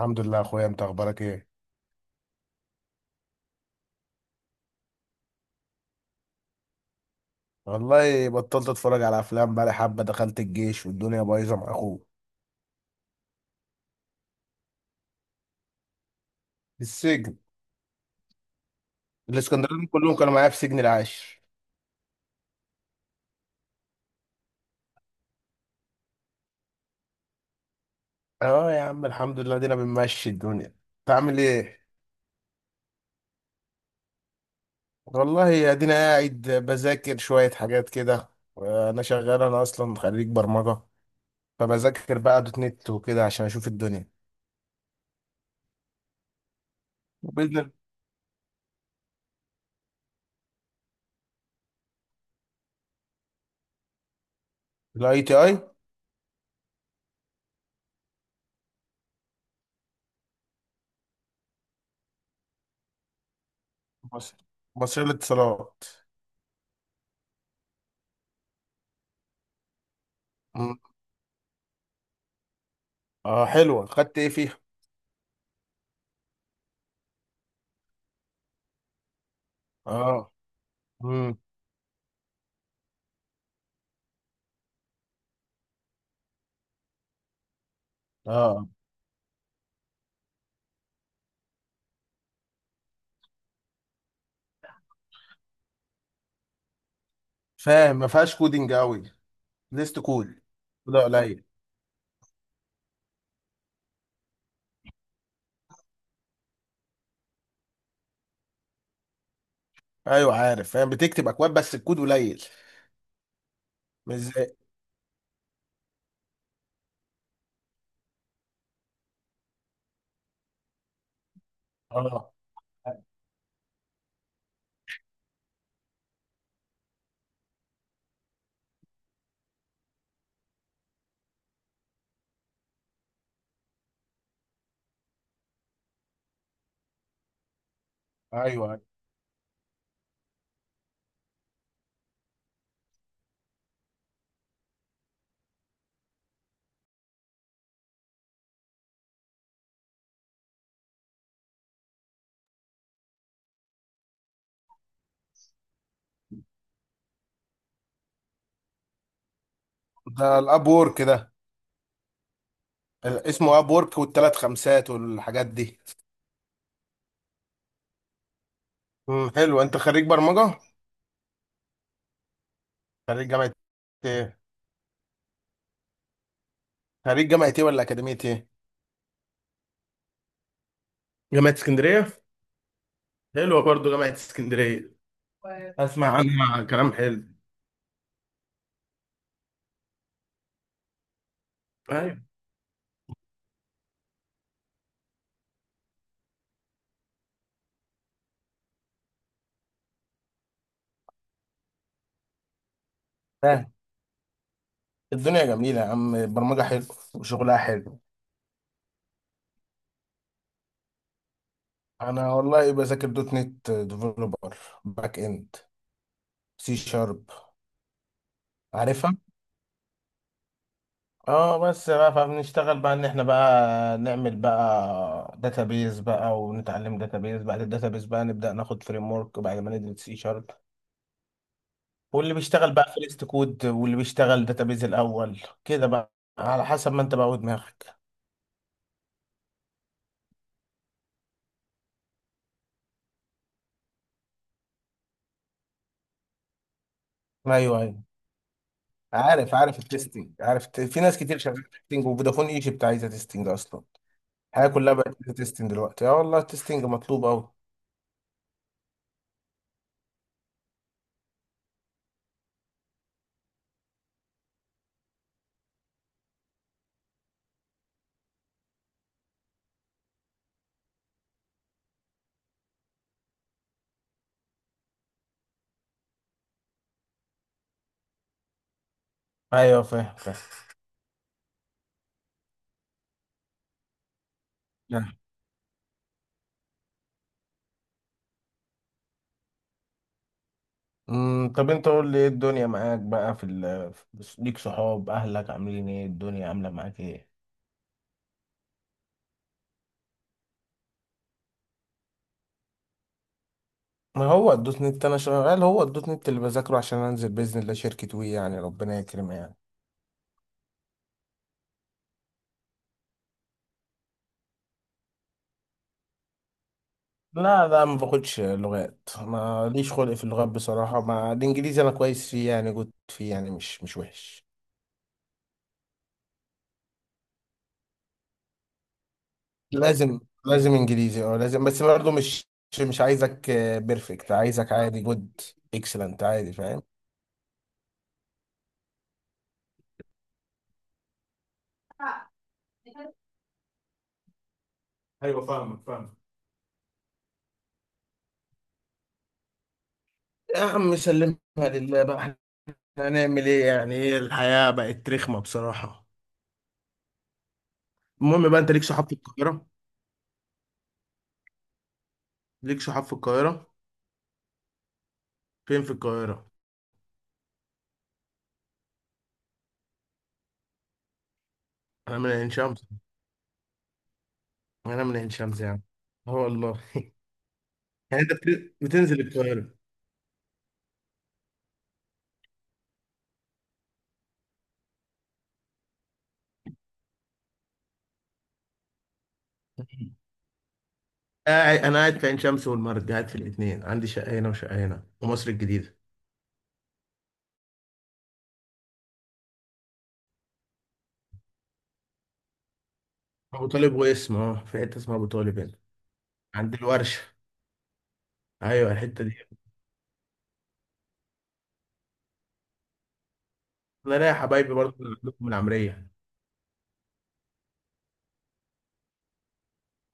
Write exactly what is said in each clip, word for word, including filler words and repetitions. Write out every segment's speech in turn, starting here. الحمد لله يا اخويا، انت اخبارك ايه؟ والله بطلت اتفرج على افلام بقالي حبه، دخلت الجيش والدنيا بايظه مع اخوه في السجن. الاسكندرانيين كلهم كانوا معايا في سجن العاشر. اه يا عم الحمد لله، دينا بنمشي الدنيا، انت عامل ايه؟ والله ادينا قاعد بذاكر شويه حاجات كده. انا شغال، انا اصلا خريج برمجه، فبذاكر بقى دوت نت وكده عشان اشوف الدنيا. وباذن. الاي تي اي. مصر. مصرية للاتصالات. مم. اه حلوه، خدت ايه فيها؟ اه. امم. اه فاهم، ما فيهاش كودينج قوي، ليست كود، ده قليل. ايوه عارف فاهم، بتكتب اكواد بس الكود قليل. مش زي. اه. ايوه، أيوه. ده الاب وورك ده؟ ال- اسمه اب وورك والثلاث خمسات والحاجات دي. مم، حلو. انت خريج برمجه؟ خريج جامعه ايه؟ خريج جامعه ايه ولا اكاديميه ايه؟ جامعة اسكندرية. حلوة برضو جامعة اسكندرية، اسمع عنها كلام حلو. ايوه فاهم. الدنيا جميلة يا عم، البرمجة حلو وشغلها حلو. انا والله بذاكر دوت نت ديفلوبر، باك اند، سي شارب. عارفها؟ اه، بس بقى فبنشتغل بقى ان احنا بقى نعمل بقى داتابيز بقى، ونتعلم داتابيز، بعد الداتابيز بقى نبدأ ناخد فريم ورك بعد ما ندرس سي شارب. واللي بيشتغل بقى فيرست كود واللي بيشتغل داتابيز الاول كده بقى، على حسب ما انت بقى ودماغك. ايوه ايوه، عارف عارف التستنج، عارف الت-، في ناس كتير شغاله تستنج، وفودافون ايجيبت عايزه تستنج اصلا. الحياة كلها بقت تيستنج دلوقتي، اه والله التيستنج مطلوب أوي. ايوه فاهم فاهم. نعم. امم، طب انت قول لي ايه الدنيا معاك بقى في ال، في- ليك صحاب؟ اهلك عاملين ايه؟ الدنيا عامله معاك ايه؟ ما هو الدوت نت انا شغال، هو الدوت نت اللي بذاكره عشان انزل باذن الله شركه وي، يعني ربنا يكرم يعني. لا لا ما باخدش لغات، ما ليش خلق في اللغات بصراحه، ما الانجليزي انا كويس فيه، يعني جود فيه يعني، مش مش وحش. لازم. لازم انجليزي اه لازم، بس برضه مش. مش عايزك بيرفكت، عايزك عادي، جود، اكسلنت عادي، فاهم. ايوه فاهمك فاهمك. يا عم سلمها لله بقى، احنا هنعمل ايه يعني؟ ايه الحياة بقت رخمة بصراحة. المهم بقى، انت ليك صحاب في القاهرة؟ ليك صحاب في القاهرة؟ فين في القاهرة؟ انا من عين شمس. انا من عين شمس يعني. اه والله يعني انت بت- بتنزل القاهرة؟ قاعد، انا قاعد في عين شمس والمرج، قاعد في الاثنين، عندي شقة هنا وشقة هنا ومصر الجديدة. ابو طالب، واسم اه في حته اسمها ابو طالب هنا. عند الورشه. ايوه الحته دي. انا ليا حبايبي برضه اللي عندكم من العمريه.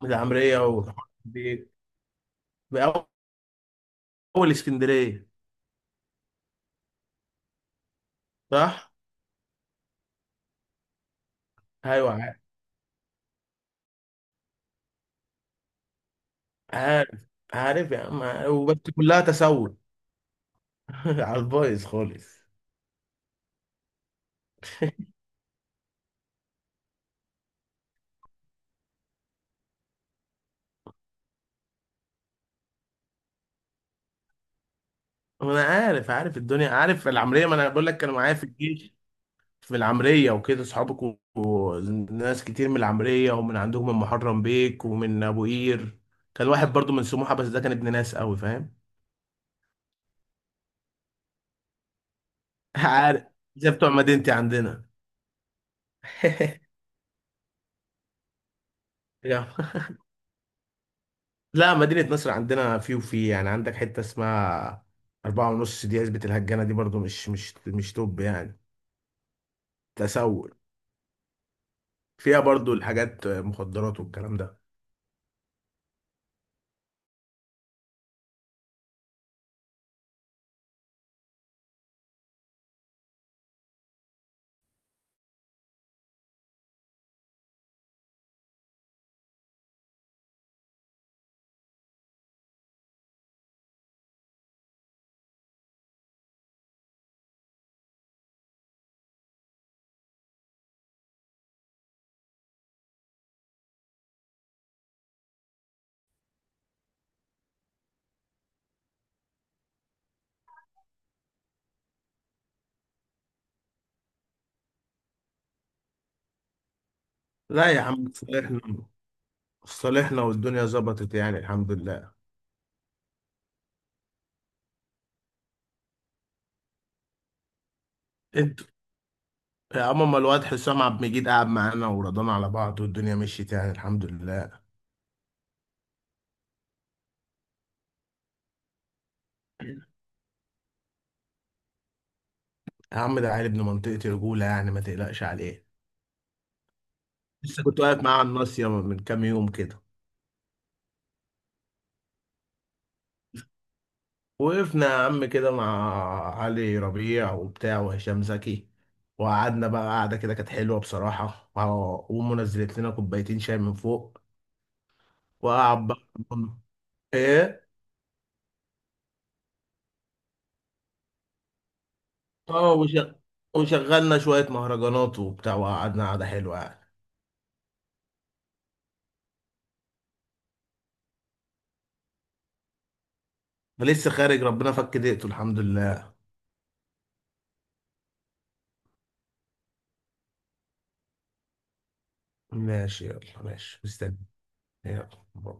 من العمريه ومن اول اسكندريه. صح. ايوه عارف. عارف. عارف يا عم. وبس كلها تسول. على البايظ خالص. انا عارف عارف الدنيا، عارف العمريه، ما انا بقول لك كانوا معايا في الجيش. في العمرية وكده صحابك، وناس كتير من العمرية ومن عندهم، من محرم بيك ومن أبو قير. كان واحد برضو من سموحة، بس ده كان ابن ناس قوي فاهم. عارف، زي بتوع مدينتي عندنا. يا. لا مدينة نصر، عندنا في وفي يعني، عندك حتة اسمها أربعة ونص دي، عزبة الهجانة دي برضو مش مش مش توب يعني. تسول، فيها برضو الحاجات مخدرات والكلام ده. لا يا عم صالحنا، صالحنا والدنيا ظبطت يعني الحمد لله. انت. يا عم ما الواد حسام عبد المجيد قعد معانا ورضانا على بعض، والدنيا مشيت يعني الحمد لله يا عم. ده عيل ابن منطقتي، رجولة يعني ما تقلقش عليه. لسه كنت واقف معاه على الناصية من كام يوم كده. وقفنا يا عم كده مع علي ربيع وبتاع وهشام زكي، وقعدنا بقى قعدة كده كانت حلوة بصراحة، وع- وأمه نزلت لنا كوبايتين شاي من فوق. وقعد بقى. إيه؟ آه وش- وشغلنا شوية مهرجانات وبتاع، وقعدنا قعدة حلوة يعني. فلسه خارج ربنا فك دقته الحمد لله. ماشي يلا، ماشي مستني. يلا. باي.